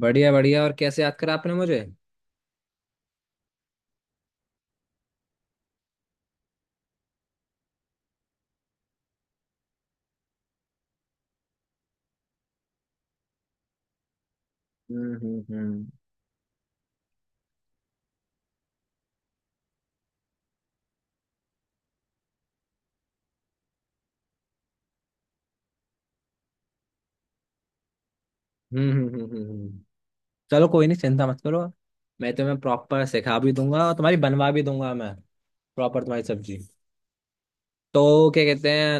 बढ़िया बढ़िया। और कैसे याद करा आपने मुझे? हम्म हम्म हम्म हम्म। चलो, कोई नहीं, चिंता मत करो। मैं तुम्हें प्रॉपर सिखा भी दूंगा और तुम्हारी बनवा भी दूंगा मैं प्रॉपर तुम्हारी सब्जी। तो क्या कहते हैं,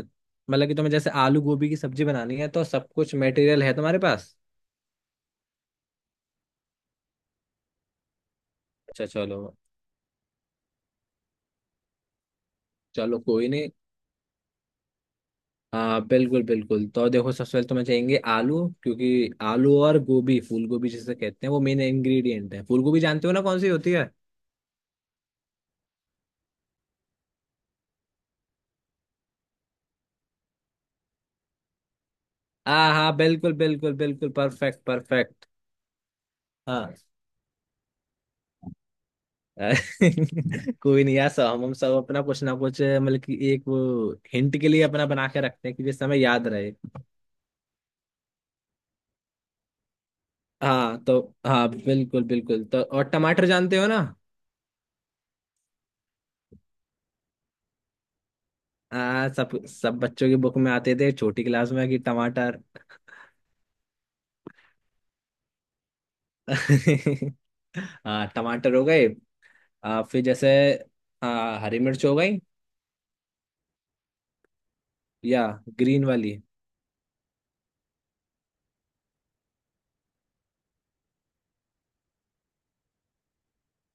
मतलब कि तुम्हें जैसे आलू गोभी की सब्जी बनानी है, तो सब कुछ मटेरियल है तुम्हारे पास? अच्छा, चलो। चलो, कोई नहीं। हाँ, बिल्कुल बिल्कुल। तो देखो, सबसे पहले तुम्हें चाहिए आलू, क्योंकि आलू और गोभी, फूल गोभी जिसे कहते हैं, वो मेन इंग्रेडिएंट है। फूल गोभी जानते हो ना कौन सी होती है? हाँ हाँ, बिल्कुल बिल्कुल बिल्कुल, परफेक्ट परफेक्ट। हाँ कोई नहीं यार, सब हम सब अपना कुछ ना कुछ मतलब कि एक वो हिंट के लिए अपना बना के रखते हैं कि जिससे हमें याद रहे। हाँ तो हाँ, बिल्कुल बिल्कुल। तो और टमाटर जानते हो ना? हाँ, सब सब बच्चों की बुक में आते थे छोटी क्लास में कि टमाटर। हाँ, टमाटर हो गए। फिर जैसे हाँ, हरी मिर्च हो गई। या ग्रीन वाली।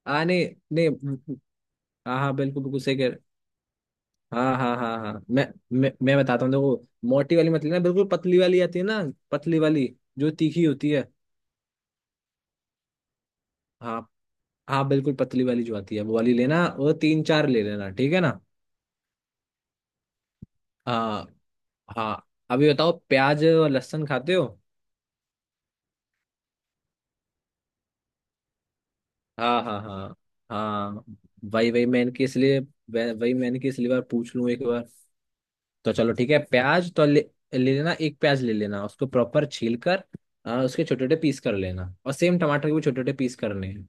हाँ, नहीं नहीं। हाँ हाँ, बिल्कुल बिल्कुल, सही कह। हाँ हाँ हाँ हाँ, मैं बताता हूँ। देखो, मोटी वाली मत लेना, बिल्कुल पतली वाली आती है ना, पतली वाली जो तीखी होती है। हाँ हाँ, बिल्कुल पतली वाली जो आती है, वो वाली लेना। वो तीन चार ले लेना, ठीक है ना? हाँ। हाँ, अभी बताओ, प्याज और लहसुन खाते हो? हाँ हाँ हाँ हाँ। वही वही मैंने कि इसलिए वह- वही मैंने कि इसलिए बार पूछ लूँ एक बार। तो चलो ठीक है, प्याज तो ले ले लेना, एक प्याज ले लेना उसको प्रॉपर छील कर। उसके छोटे छोटे पीस कर लेना, और सेम टमाटर के भी छोटे छोटे पीस करने हैं।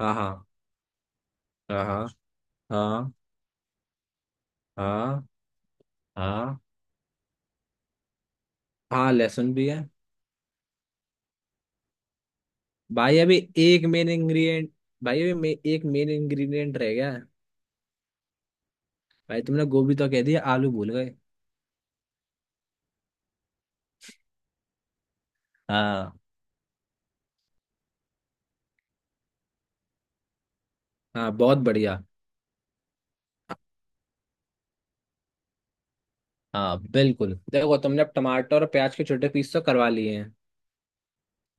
हाँ हाँ हाँ हाँ हाँ हाँ। हाँ, लहसुन भी है। भाई, अभी एक मेन इंग्रेडिएंट भाई अभी मे, एक मेन इंग्रेडिएंट रह गया है। भाई, तुमने गोभी तो कह दिया, आलू भूल गए। हाँ। हाँ, बहुत बढ़िया। हाँ बिल्कुल, देखो, तुमने अब टमाटर और प्याज के छोटे पीस तो करवा लिए हैं।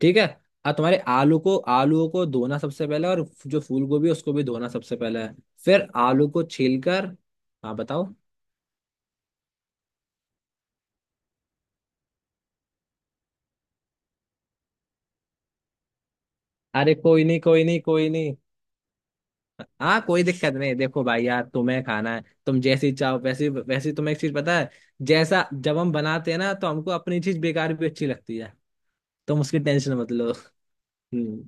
ठीक है। अब तुम्हारे आलूओं को धोना सबसे पहले, और जो फूल गोभी है, उसको भी धोना सबसे पहले है। फिर आलू को छील कर। हाँ बताओ। अरे, कोई नहीं कोई नहीं। हाँ, कोई दिक्कत नहीं। देखो भाई यार, तुम्हें खाना है, तुम जैसी चाहो वैसी वैसी। तुम्हें एक चीज पता है, जैसा जब हम बनाते हैं ना, तो हमको अपनी चीज बेकार भी अच्छी लगती है। तुम उसकी टेंशन मत लो। हम्म।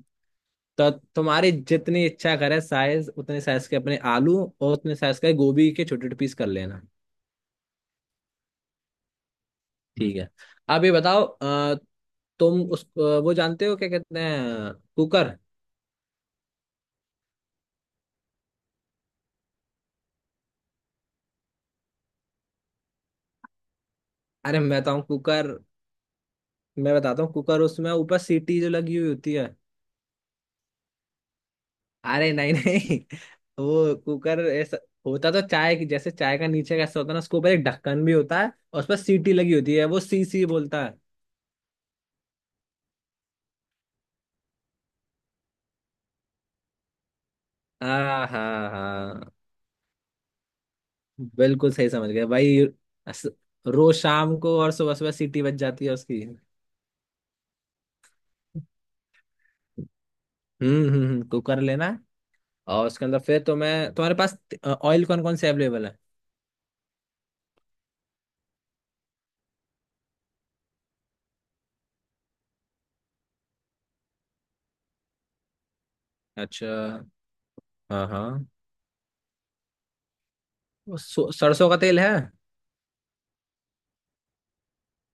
तो तुम्हारी जितनी इच्छा करे साइज, उतने साइज के अपने आलू और उतने साइज के गोभी के छोटे छोटे पीस कर लेना। ठीक है। अब ये बताओ, तुम उस अ, वो जानते हो क्या कहते हैं, कुकर? अरे मैं बताऊँ, कुकर। मैं बताता हूँ, कुकर उसमें ऊपर सीटी जो लगी हुई होती है। अरे नहीं नहीं वो कुकर ऐसा होता, तो चाय की जैसे चाय का नीचे का ऐसा होता है ना, उसके ऊपर एक ढक्कन भी होता है, और उस पर सीटी लगी होती है, वो सी सी बोलता है। हाँ हाँ हाँ, बिल्कुल सही समझ गए भाई। अस- रोज शाम को और सुबह सुबह सीटी बज जाती है उसकी। कुकर लेना। और उसके अंदर फिर तुम्हें, तुम्हारे पास ऑयल कौन कौन से अवेलेबल है? अच्छा। हाँ हाँ। वो सरसों का तेल है।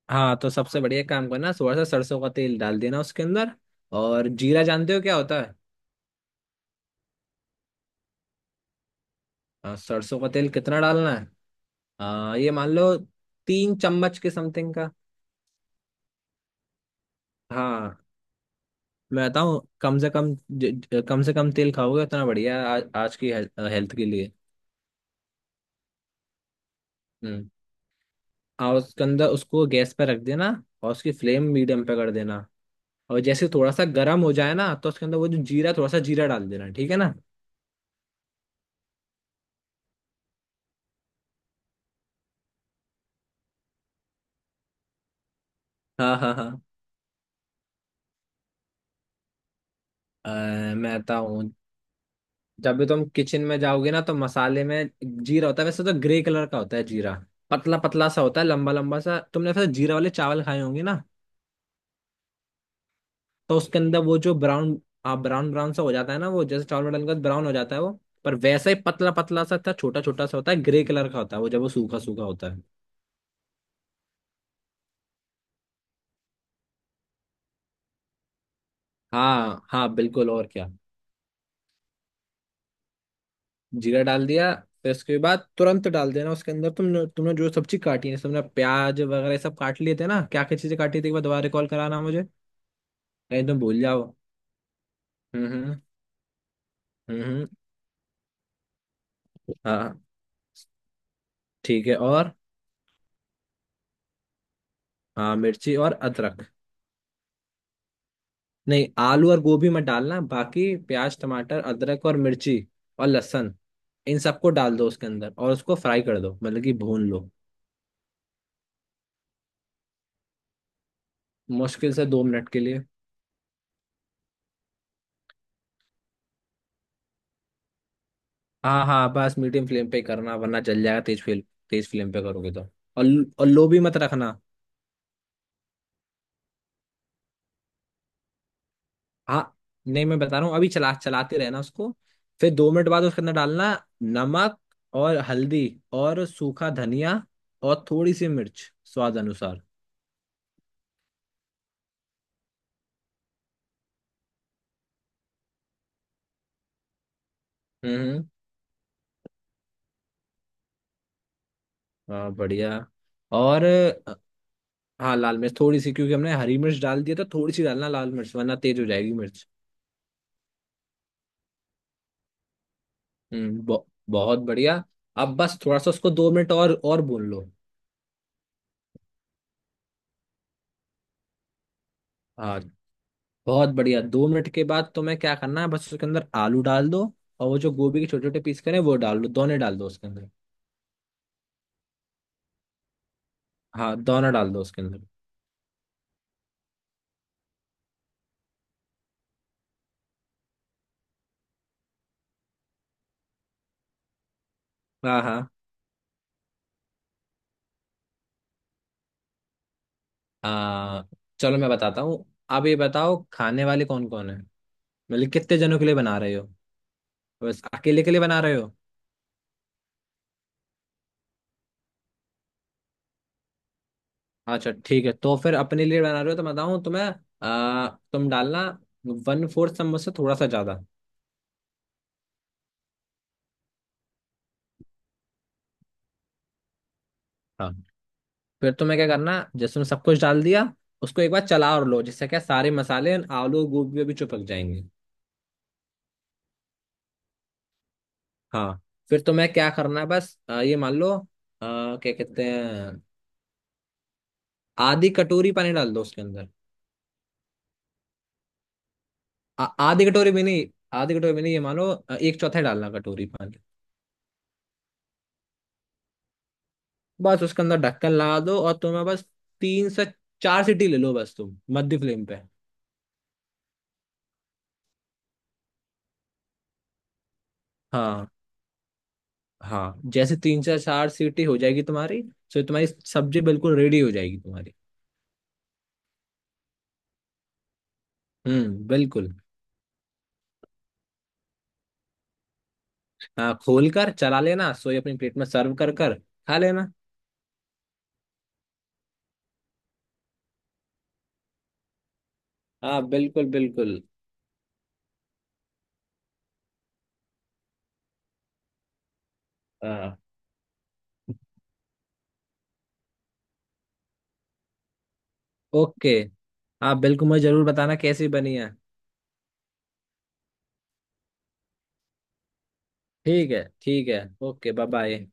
हाँ, तो सबसे बढ़िया काम करना, थोड़ा सा सरसों का तेल डाल देना उसके अंदर। और जीरा जानते हो क्या होता है? हाँ, सरसों का तेल कितना डालना है, ये मान लो तीन चम्मच के समथिंग का। हाँ, मैं बताऊँ, कम से कम ज, ज- कम से कम तेल खाओगे उतना बढ़िया है, आज की हेल्थ के लिए। हम्म। और उसके अंदर उसको गैस पे रख देना, और उसकी फ्लेम मीडियम पे कर देना। और जैसे थोड़ा सा गर्म हो जाए ना, तो उसके अंदर वो जो जीरा थोड़ा सा जीरा डाल देना, ठीक है ना? हाँ हाँ हाँ। मैं बताऊँ, जब भी तुम किचन में जाओगे ना, तो मसाले में जीरा होता है, वैसे तो ग्रे कलर का होता है जीरा, पतला पतला सा होता है, लंबा लंबा सा। तुमने वैसे जीरा वाले चावल खाए होंगे ना, तो उसके अंदर वो जो ब्राउन ब्राउन सा हो जाता है ना, वो जैसे चावल में डालने के बाद ब्राउन हो जाता है, वो पर वैसा ही पतला पतला सा था, छोटा छोटा सा होता है, ग्रे कलर का होता है वो जब वो सूखा सूखा होता है। हाँ हाँ बिल्कुल। और क्या? जीरा डाल दिया। फिर उसके बाद तुरंत डाल देना उसके अंदर, तुमने तुमने जो सब्जी काटी है, तुमने प्याज वगैरह सब काट लिए थे ना, क्या क्या चीजें काटी थी? एक बार दोबारा रिकॉल कराना मुझे, कहीं तुम भूल जाओ। हम्म हम्म हम्म। हाँ, ठीक है। और हाँ, मिर्ची और अदरक। नहीं, आलू और गोभी मत डालना, बाकी प्याज टमाटर अदरक और मिर्ची और लहसुन, इन सबको डाल दो उसके अंदर, और उसको फ्राई कर दो, मतलब कि भून लो। मुश्किल से दो मिनट के लिए। हाँ हाँ, बस मीडियम फ्लेम पे करना, वरना जल जाएगा। तेज फ्लेम पे करोगे तो। और और लो भी मत रखना। हाँ, नहीं, मैं बता रहा हूँ अभी, चलाते रहना उसको। फिर दो मिनट बाद उसके अंदर डालना नमक, और हल्दी, और सूखा धनिया, और थोड़ी सी मिर्च स्वाद अनुसार। हम्म। हाँ बढ़िया। और हाँ, लाल मिर्च थोड़ी सी, क्योंकि हमने हरी मिर्च डाल दिया था, थोड़ी सी डालना लाल मिर्च, वरना तेज हो जाएगी मिर्च। हम्म बहु- बहुत बढ़िया। अब बस थोड़ा सा उसको दो मिनट और भून लो। हाँ, बहुत बढ़िया। दो मिनट के बाद तुम्हें क्या करना है, बस उसके अंदर आलू डाल दो, और वो जो गोभी के छोटे छोटे पीस करें वो डाल दो, दोनों डाल दो उसके अंदर। हाँ, दोनों डाल दो उसके अंदर। हाँ हाँ हाँ, चलो मैं बताता हूँ। आप ये बताओ, खाने वाले कौन कौन है, मतलब कितने जनों के लिए बना रहे हो? बस अकेले के लिए बना रहे हो? अच्छा ठीक है, तो फिर अपने लिए बना रहे हो तो बताऊँ तुम्हें। आ, तुम डालना वन फोर्थ चम्मच से थोड़ा सा ज्यादा। हाँ। फिर तुम्हें क्या करना, जैसे उसमें सब कुछ डाल दिया, उसको एक बार चला और लो, जिससे क्या, सारे मसाले और आलू गोभी भी चिपक जाएंगे। हाँ। फिर तुम्हें क्या करना है, बस ये मान लो क्या कहते हैं, आधी कटोरी पानी डाल दो उसके अंदर। आ, आधी कटोरी भी नहीं आधी कटोरी भी नहीं, ये मान लो एक चौथाई डालना कटोरी पानी। बस उसके अंदर ढक्कन लगा दो, और तुम्हें बस तीन से चार सीटी ले लो, बस तुम मध्य फ्लेम पे। हाँ हाँ। जैसे तीन से चार सीटी हो जाएगी तुम्हारी, तो तुम्हारी सब्जी बिल्कुल रेडी हो जाएगी तुम्हारी। हम्म, बिल्कुल। हाँ, खोल कर चला लेना, सोई अपनी प्लेट में सर्व कर कर खा लेना। हाँ, बिल्कुल बिल्कुल। हाँ। ओके। आप बिल्कुल मुझे जरूर बताना कैसी बनी है। ठीक है, ठीक है। Okay, bye bye.